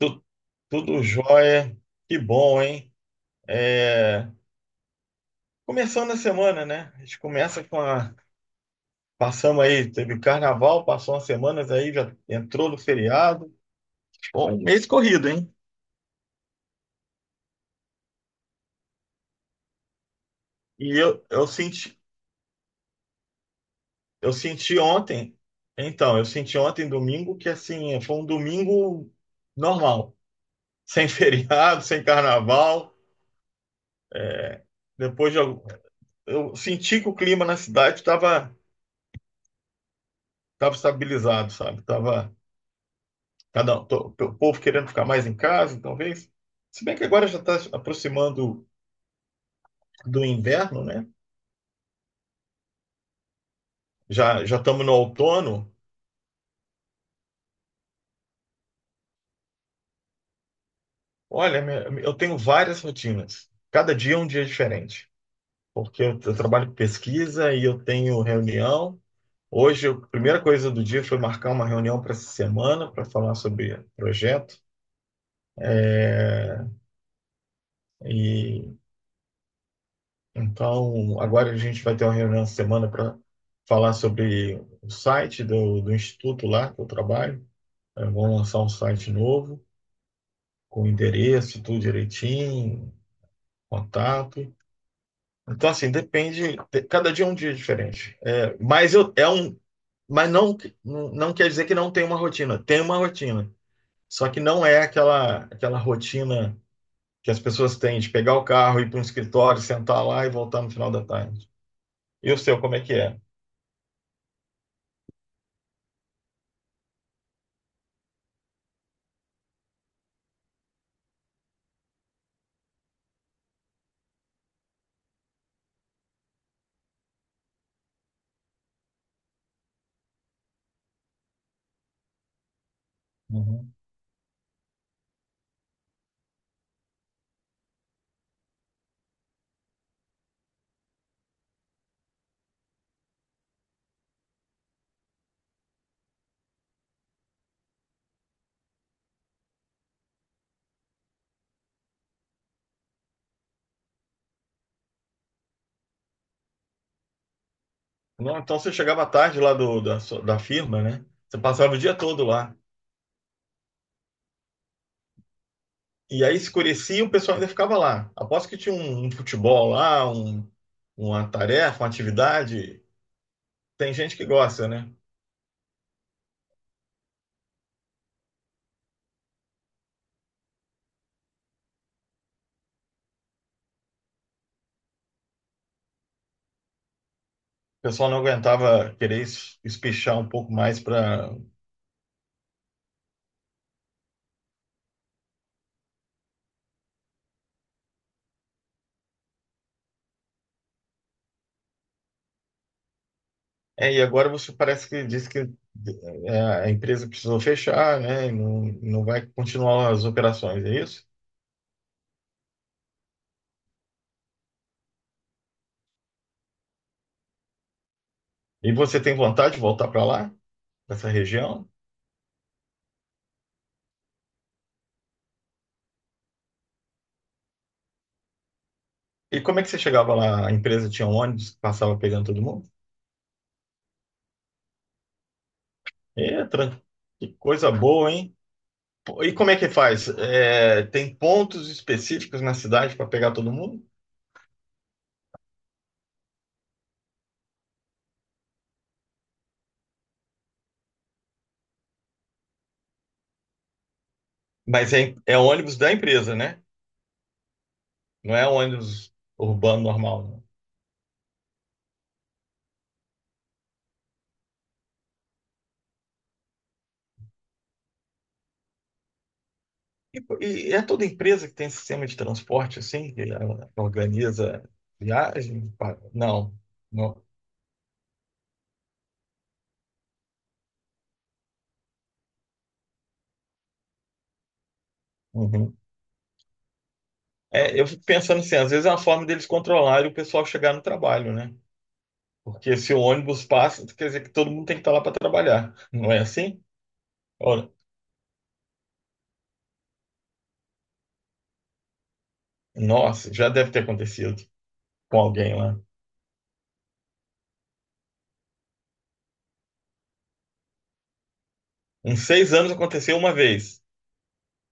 Tu- Tudo jóia. Que bom, hein? É, Começando a semana, né? A gente começa com a. Passamos aí, teve carnaval, passou umas semanas aí, já entrou no feriado. Bom, um mês corrido, hein? E eu senti, eu senti ontem, então, eu senti ontem, domingo, que assim, foi um domingo normal, sem feriado, sem carnaval. Depois de, algum- eu senti que o clima na cidade estava estabilizado, sabe? Tava, O povo querendo ficar mais em casa, talvez. Se bem que agora já está aproximando do inverno, né? Já já estamos no outono. Olha, eu tenho várias rotinas. Cada dia é um dia diferente, porque eu trabalho com pesquisa e eu tenho reunião. Hoje, a primeira coisa do dia foi marcar uma reunião para essa semana para falar sobre projeto. É, E Então, agora a gente vai ter uma reunião essa semana para falar sobre o site do instituto lá que eu trabalho. É, vão lançar um site novo, com endereço, tudo direitinho, contato. Então, assim, depende. Cada dia é um dia diferente. É, mas eu, é um, mas não, não quer dizer que não tem uma rotina. Tem uma rotina. Só que não é aquela rotina que as pessoas têm de pegar o carro, ir para um escritório, sentar lá e voltar no final da tarde. E o seu, como é que é? Uhum. Não, então você chegava tarde lá da firma, né? Você passava o dia todo lá. E aí escurecia e o pessoal ainda ficava lá. Aposto que tinha um, um futebol lá, uma tarefa, uma atividade. Tem gente que gosta, né? O pessoal não aguentava querer espichar um pouco mais para. É, e agora você parece que disse que é, a empresa precisou fechar, né? E não, não vai continuar as operações, é isso? E você tem vontade de voltar para lá, para essa região? E como é que você chegava lá? A empresa tinha um ônibus que passava pegando todo mundo? É, tran- que coisa boa, hein? Pô, e como é que faz? É, tem pontos específicos na cidade para pegar todo mundo? Mas é, é ônibus da empresa, né? Não é ônibus urbano normal, né? E, pô, e é toda empresa que tem sistema de transporte assim, que ela organiza viagem? Não, não. Uhum. É, eu fico pensando assim, às vezes é uma forma deles controlarem o pessoal chegar no trabalho, né? Porque se o ônibus passa, quer dizer que todo mundo tem que estar lá para trabalhar. Não é assim? Olha, nossa, já deve ter acontecido com alguém lá. Uns seis anos aconteceu uma vez.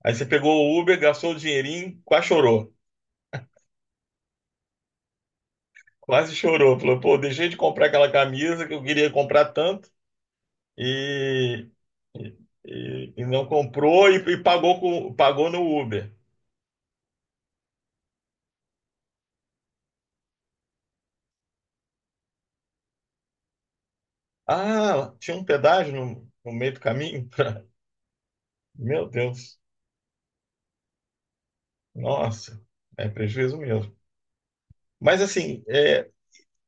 Aí você pegou o Uber, gastou o dinheirinho, quase chorou. Quase chorou. Falou, pô, deixei de comprar aquela camisa que eu queria comprar tanto e, e, e não comprou e pagou, com, pagou no Uber. Ah, tinha um pedágio no, no meio do caminho? Meu Deus, nossa, é prejuízo mesmo. Mas assim, é,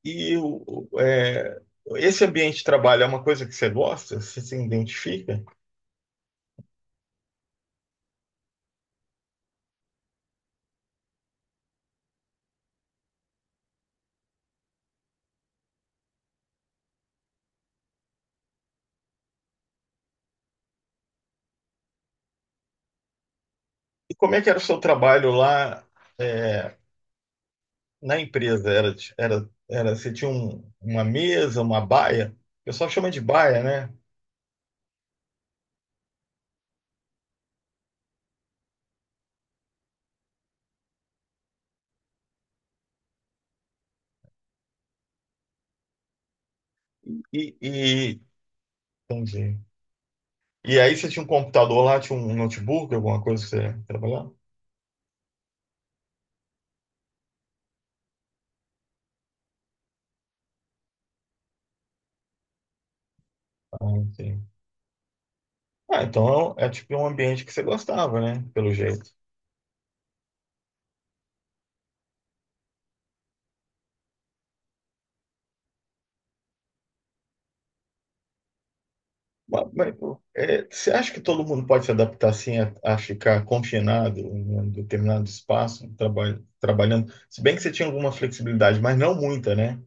E é, esse ambiente de trabalho é uma coisa que você gosta? Você se identifica? E como é que era o seu trabalho lá, é, na empresa? Você tinha uma mesa, uma baia? O pessoal chama de baia, né? E, entendi. E aí você tinha um computador lá, tinha um notebook, alguma coisa que você trabalhava? Ah, entendi. Ah, então é, é tipo um ambiente que você gostava, né? Pelo jeito. Mas, mas, é, você acha que todo mundo pode se adaptar assim a ficar confinado em um determinado espaço, trabalhando? Se bem que você tinha alguma flexibilidade, mas não muita, né?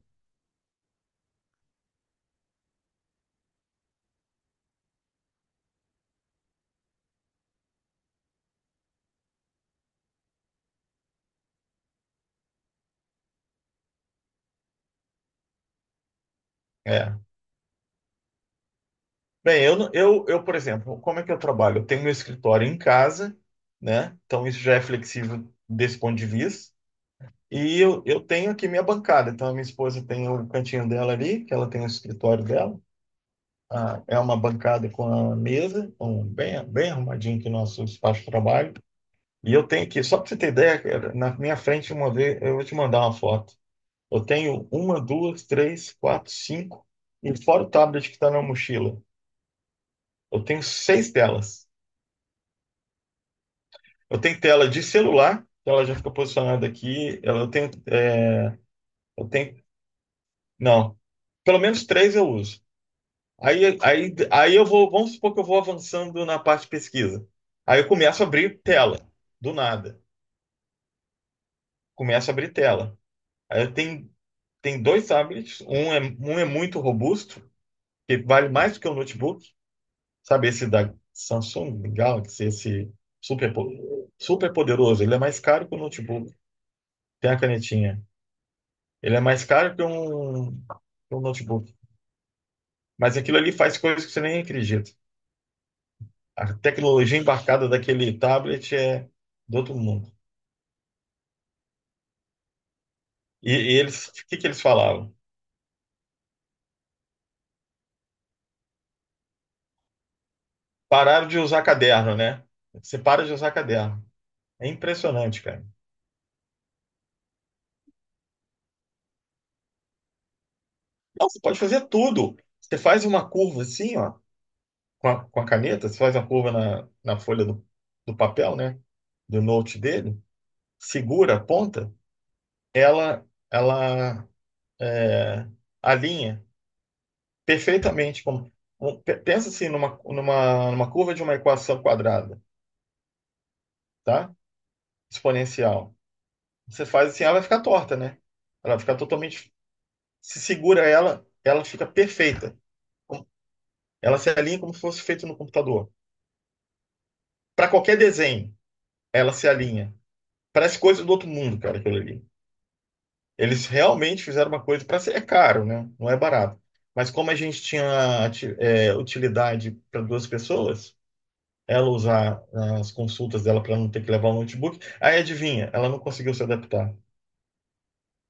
É. Bem, eu, eu, por exemplo, como é que eu trabalho? Eu tenho meu escritório em casa, né? Então isso já é flexível desse ponto de vista. E eu tenho aqui minha bancada. Então a minha esposa tem o cantinho dela ali, que ela tem o escritório dela. Ah, é uma bancada com a mesa, um, bem, bem arrumadinho aqui o nosso espaço de trabalho. E eu tenho aqui, só para você ter ideia, cara, na minha frente uma vez, eu vou te mandar uma foto. Eu tenho uma, duas, três, quatro, cinco, e fora o tablet que está na mochila, eu tenho seis telas. Eu tenho tela de celular, que ela já fica posicionada aqui. Eu tenho, é, eu tenho, não, pelo menos três eu uso. Aí eu vou, vamos supor que eu vou avançando na parte de pesquisa. Aí eu começo a abrir tela, do nada. Começo a abrir tela. Aí eu tenho Tem dois tablets, um é muito robusto, que vale mais do que um notebook, sabe? Esse da Samsung Galaxy, esse super, super poderoso, ele é mais caro que um notebook, tem a canetinha. Ele é mais caro que um notebook. Mas aquilo ali faz coisas que você nem acredita. A tecnologia embarcada daquele tablet é do outro mundo. E eles, o que que eles falavam? Pararam de usar caderno, né? Você para de usar caderno. É impressionante, cara. Não, você pode fazer tudo. Você faz uma curva assim, ó, com a caneta, você faz uma curva na, na folha do papel, né? Do note dele, segura a ponta, ela é, alinha perfeitamente. Como, pensa assim numa curva de uma equação quadrada, tá? Exponencial. Você faz assim, ela vai ficar torta, né? Ela vai ficar totalmente. Se segura ela, ela fica perfeita. Ela se alinha como se fosse feito no computador. Para qualquer desenho. Ela se alinha. Parece coisa do outro mundo, cara, aquilo ali. Eles realmente fizeram uma coisa para ser é caro, né? Não é barato. Mas como a gente tinha é, utilidade para duas pessoas, ela usar as consultas dela para não ter que levar o notebook, aí adivinha, ela não conseguiu se adaptar.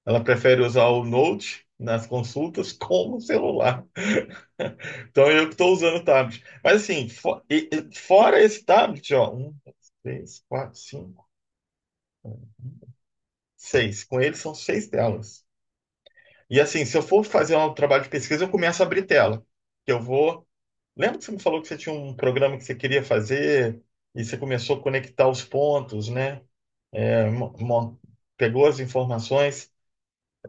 Ela prefere usar o Note nas consultas como o celular. Então eu que estou usando o tablet. Mas assim, e fora esse tablet, ó, um, dois, três, quatro, cinco, seis. Com ele são seis telas. E assim, se eu for fazer um trabalho de pesquisa, eu começo a abrir tela. Que eu vou. Lembra que você me falou que você tinha um programa que você queria fazer e você começou a conectar os pontos, né? É, pegou as informações,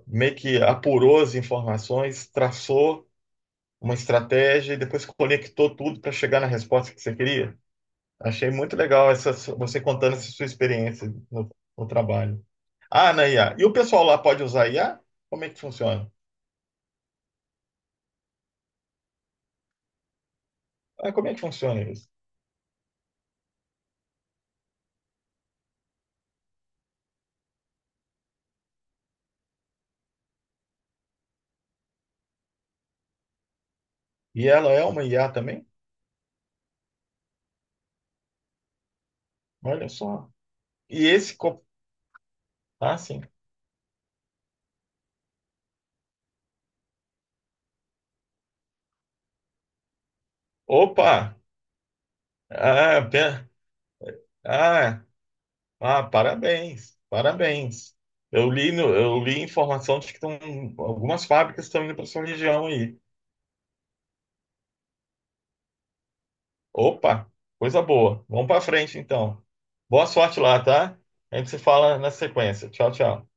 meio que apurou as informações, traçou uma estratégia e depois conectou tudo para chegar na resposta que você queria. Achei muito legal essa, você contando essa sua experiência no trabalho. Ah, na IA. E o pessoal lá pode usar IA? Como é que funciona? Ah, como é que funciona isso? E ela é uma IA também? Olha só. E esse. Ah, sim. Opa! Ah, pe- ah, ah, parabéns, parabéns. Eu li, eu li informação de que tão, algumas fábricas estão indo para sua região aí. Opa, coisa boa. Vamos para frente então. Boa sorte lá, tá? A gente se fala na sequência. Tchau, tchau.